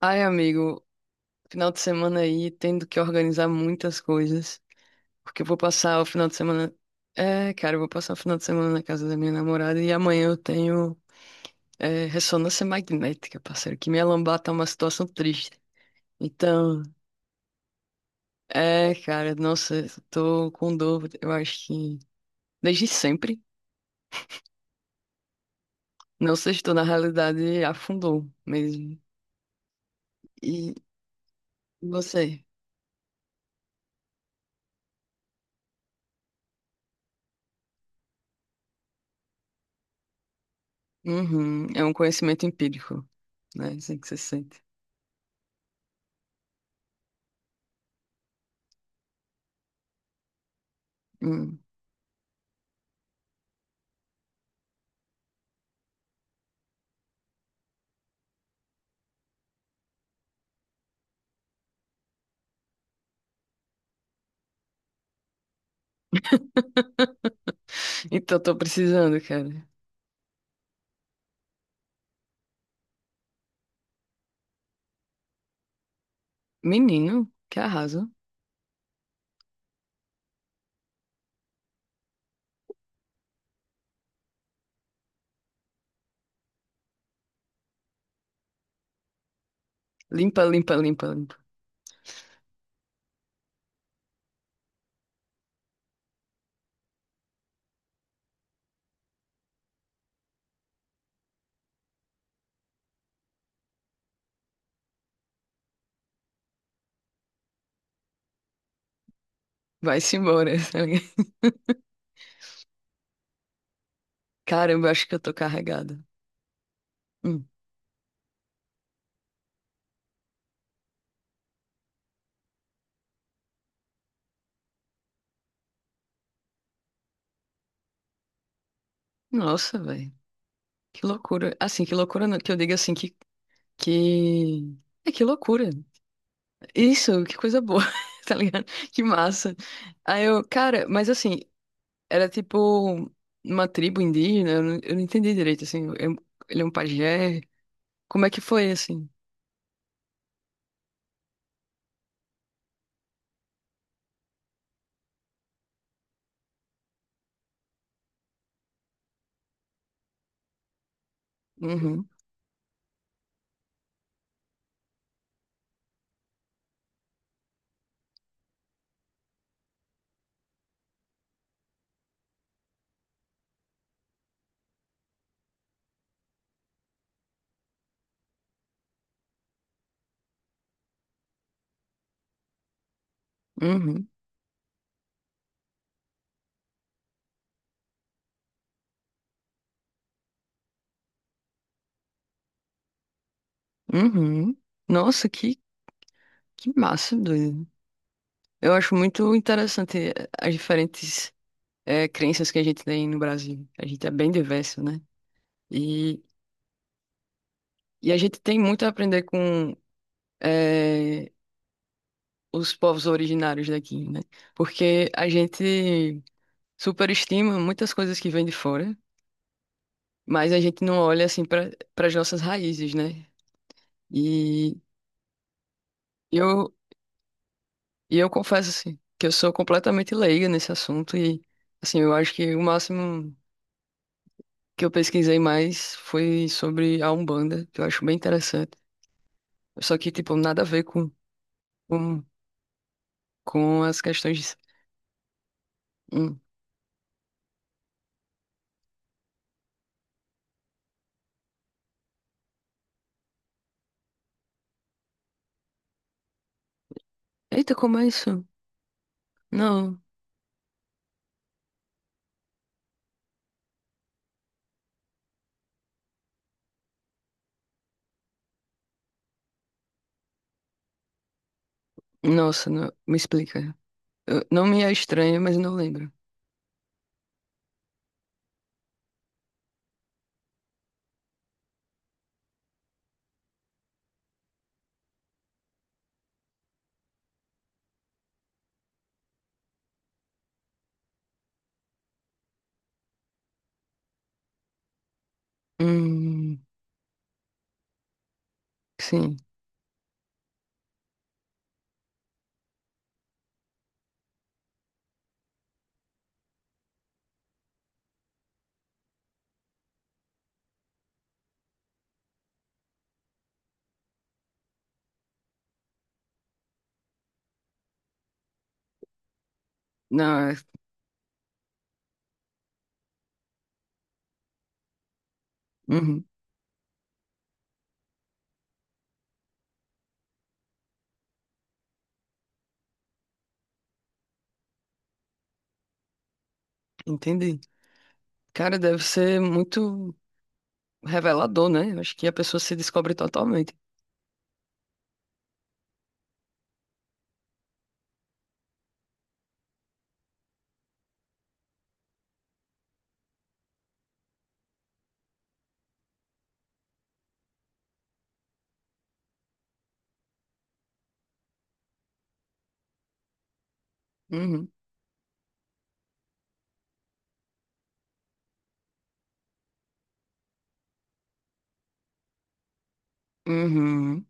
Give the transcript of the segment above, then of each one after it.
Ai, amigo, final de semana aí, tendo que organizar muitas coisas, porque eu vou passar o final de semana. É, cara, eu vou passar o final de semana na casa da minha namorada e amanhã eu tenho ressonância magnética, parceiro, que minha lombar tá uma situação triste. Então, cara, nossa, eu tô com dor, eu acho que desde sempre. Não sei se estou na realidade, afundou mesmo. E você? Uhum, é um conhecimento empírico, né? Assim que você sente. Hum. Então, tô precisando, cara. Menino, que arraso. Limpa, limpa, limpa, limpa. Vai-se embora. Sabe? Caramba, eu acho que eu tô carregada. Hum. Nossa, velho. Que loucura. Assim, que loucura não- que eu diga assim que... É, que loucura. Isso, que coisa boa, tá ligado? Que massa. Aí eu, cara, mas assim, era tipo uma tribo indígena, eu não entendi direito, assim. Ele é um pajé. Como é que foi, assim? Uhum, uhum, uhum. Nossa, que... Que massa, doido. Eu acho muito interessante as diferentes crenças que a gente tem no Brasil. A gente é bem diverso, né? E, e a gente tem muito a aprender com eh, os povos originários daqui, né? Porque a gente superestima muitas coisas que vêm de fora, mas a gente não olha assim para as nossas raízes, né? E eu, e eu confesso assim, que eu sou completamente leiga nesse assunto e assim, eu acho que o máximo que eu pesquisei mais foi sobre a Umbanda, que eu acho bem interessante. Só que, tipo, nada a ver com, com as questões de... Hum. Eita, como é isso? Não. Nossa, não- me explica. Eu- não me é estranho, mas eu não lembro. Hum, sim. Não, é- uhum, entendi. Cara, deve ser muito revelador, né? Eu acho que a pessoa se descobre totalmente. Uhum, uhum,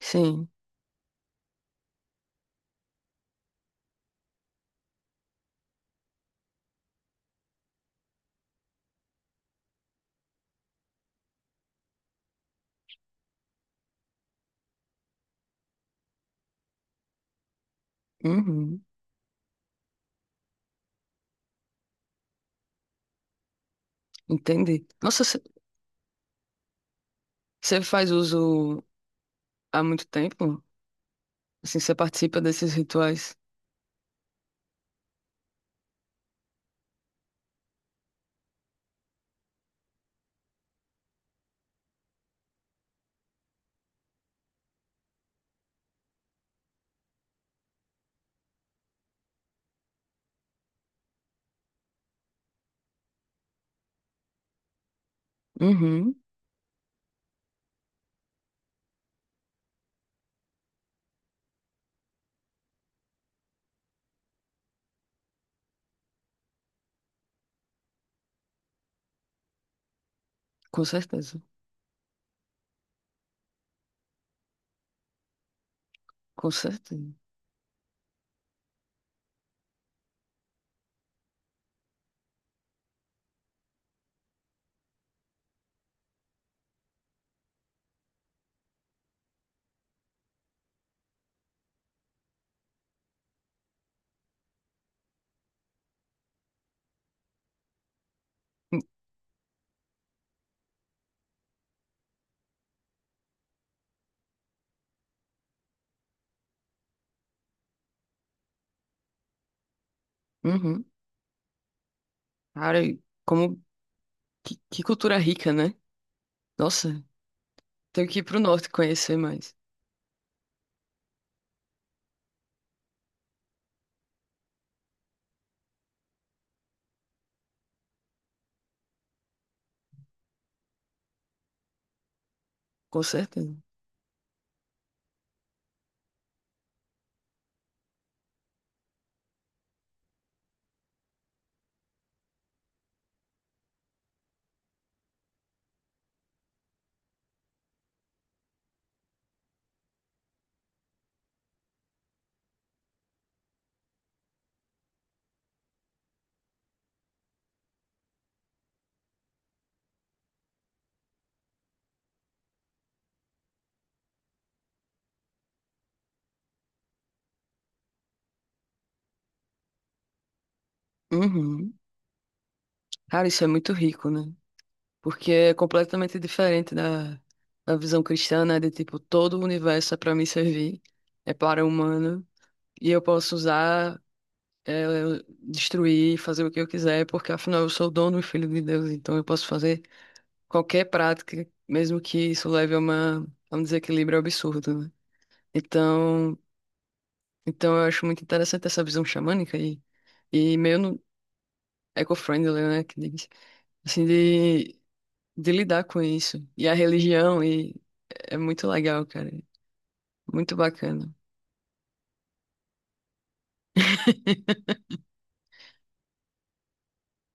sim. Uhum, entendi. Nossa, você faz uso há muito tempo? Assim, você participa desses rituais? Uhum, com certeza. Com certeza. Hum. Uhum. Cara, que cultura rica, né? Nossa, tenho que ir pro norte conhecer mais. Com certeza. Uhum. Cara, isso é muito rico, né? Porque é completamente diferente da visão cristã, né? De tipo, todo o universo é para me servir, é para o humano, e eu posso usar, é, destruir, fazer o que eu quiser, porque afinal eu sou dono e filho de Deus, então eu posso fazer qualquer prática, mesmo que isso leve a um desequilíbrio absurdo, né? Então, então eu acho muito interessante essa visão xamânica e meio eco-friendly, né, que diz, assim, de lidar com isso. E a religião, e é muito legal, cara, muito bacana.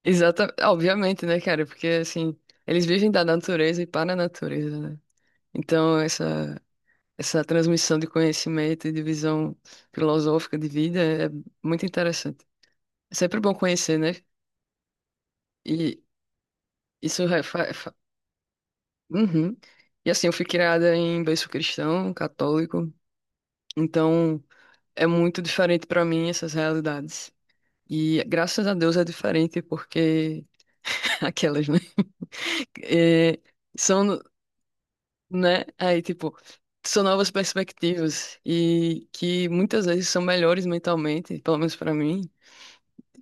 Exata, obviamente, né, cara? Porque assim, eles vivem da natureza e para a natureza, né? Então, essa transmissão de conhecimento e de visão filosófica de vida é muito interessante. É sempre bom conhecer, né? E isso é. fa- fa- Uhum. E assim, eu fui criada em berço cristão, católico, então é muito diferente pra mim essas realidades. E graças a Deus é diferente porque aquelas, né? É, são, né? Aí, tipo, são novas perspectivas e que muitas vezes são melhores mentalmente, pelo menos pra mim,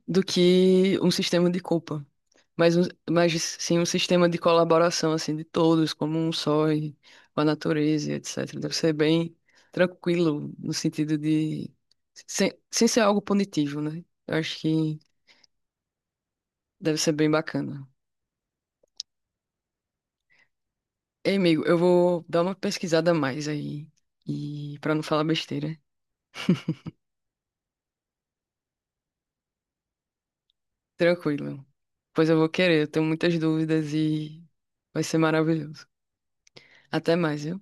do que um sistema de culpa. Mas, mas sim um sistema de colaboração, assim, de todos, como um só, e com a natureza, e etc. Deve ser bem tranquilo, no sentido de... sem ser algo punitivo, né? Eu acho que deve ser bem bacana. Ei, amigo, eu vou dar uma pesquisada a mais aí, e para não falar besteira. Tranquilo. Pois eu vou querer, eu tenho muitas dúvidas e vai ser maravilhoso. Até mais, viu?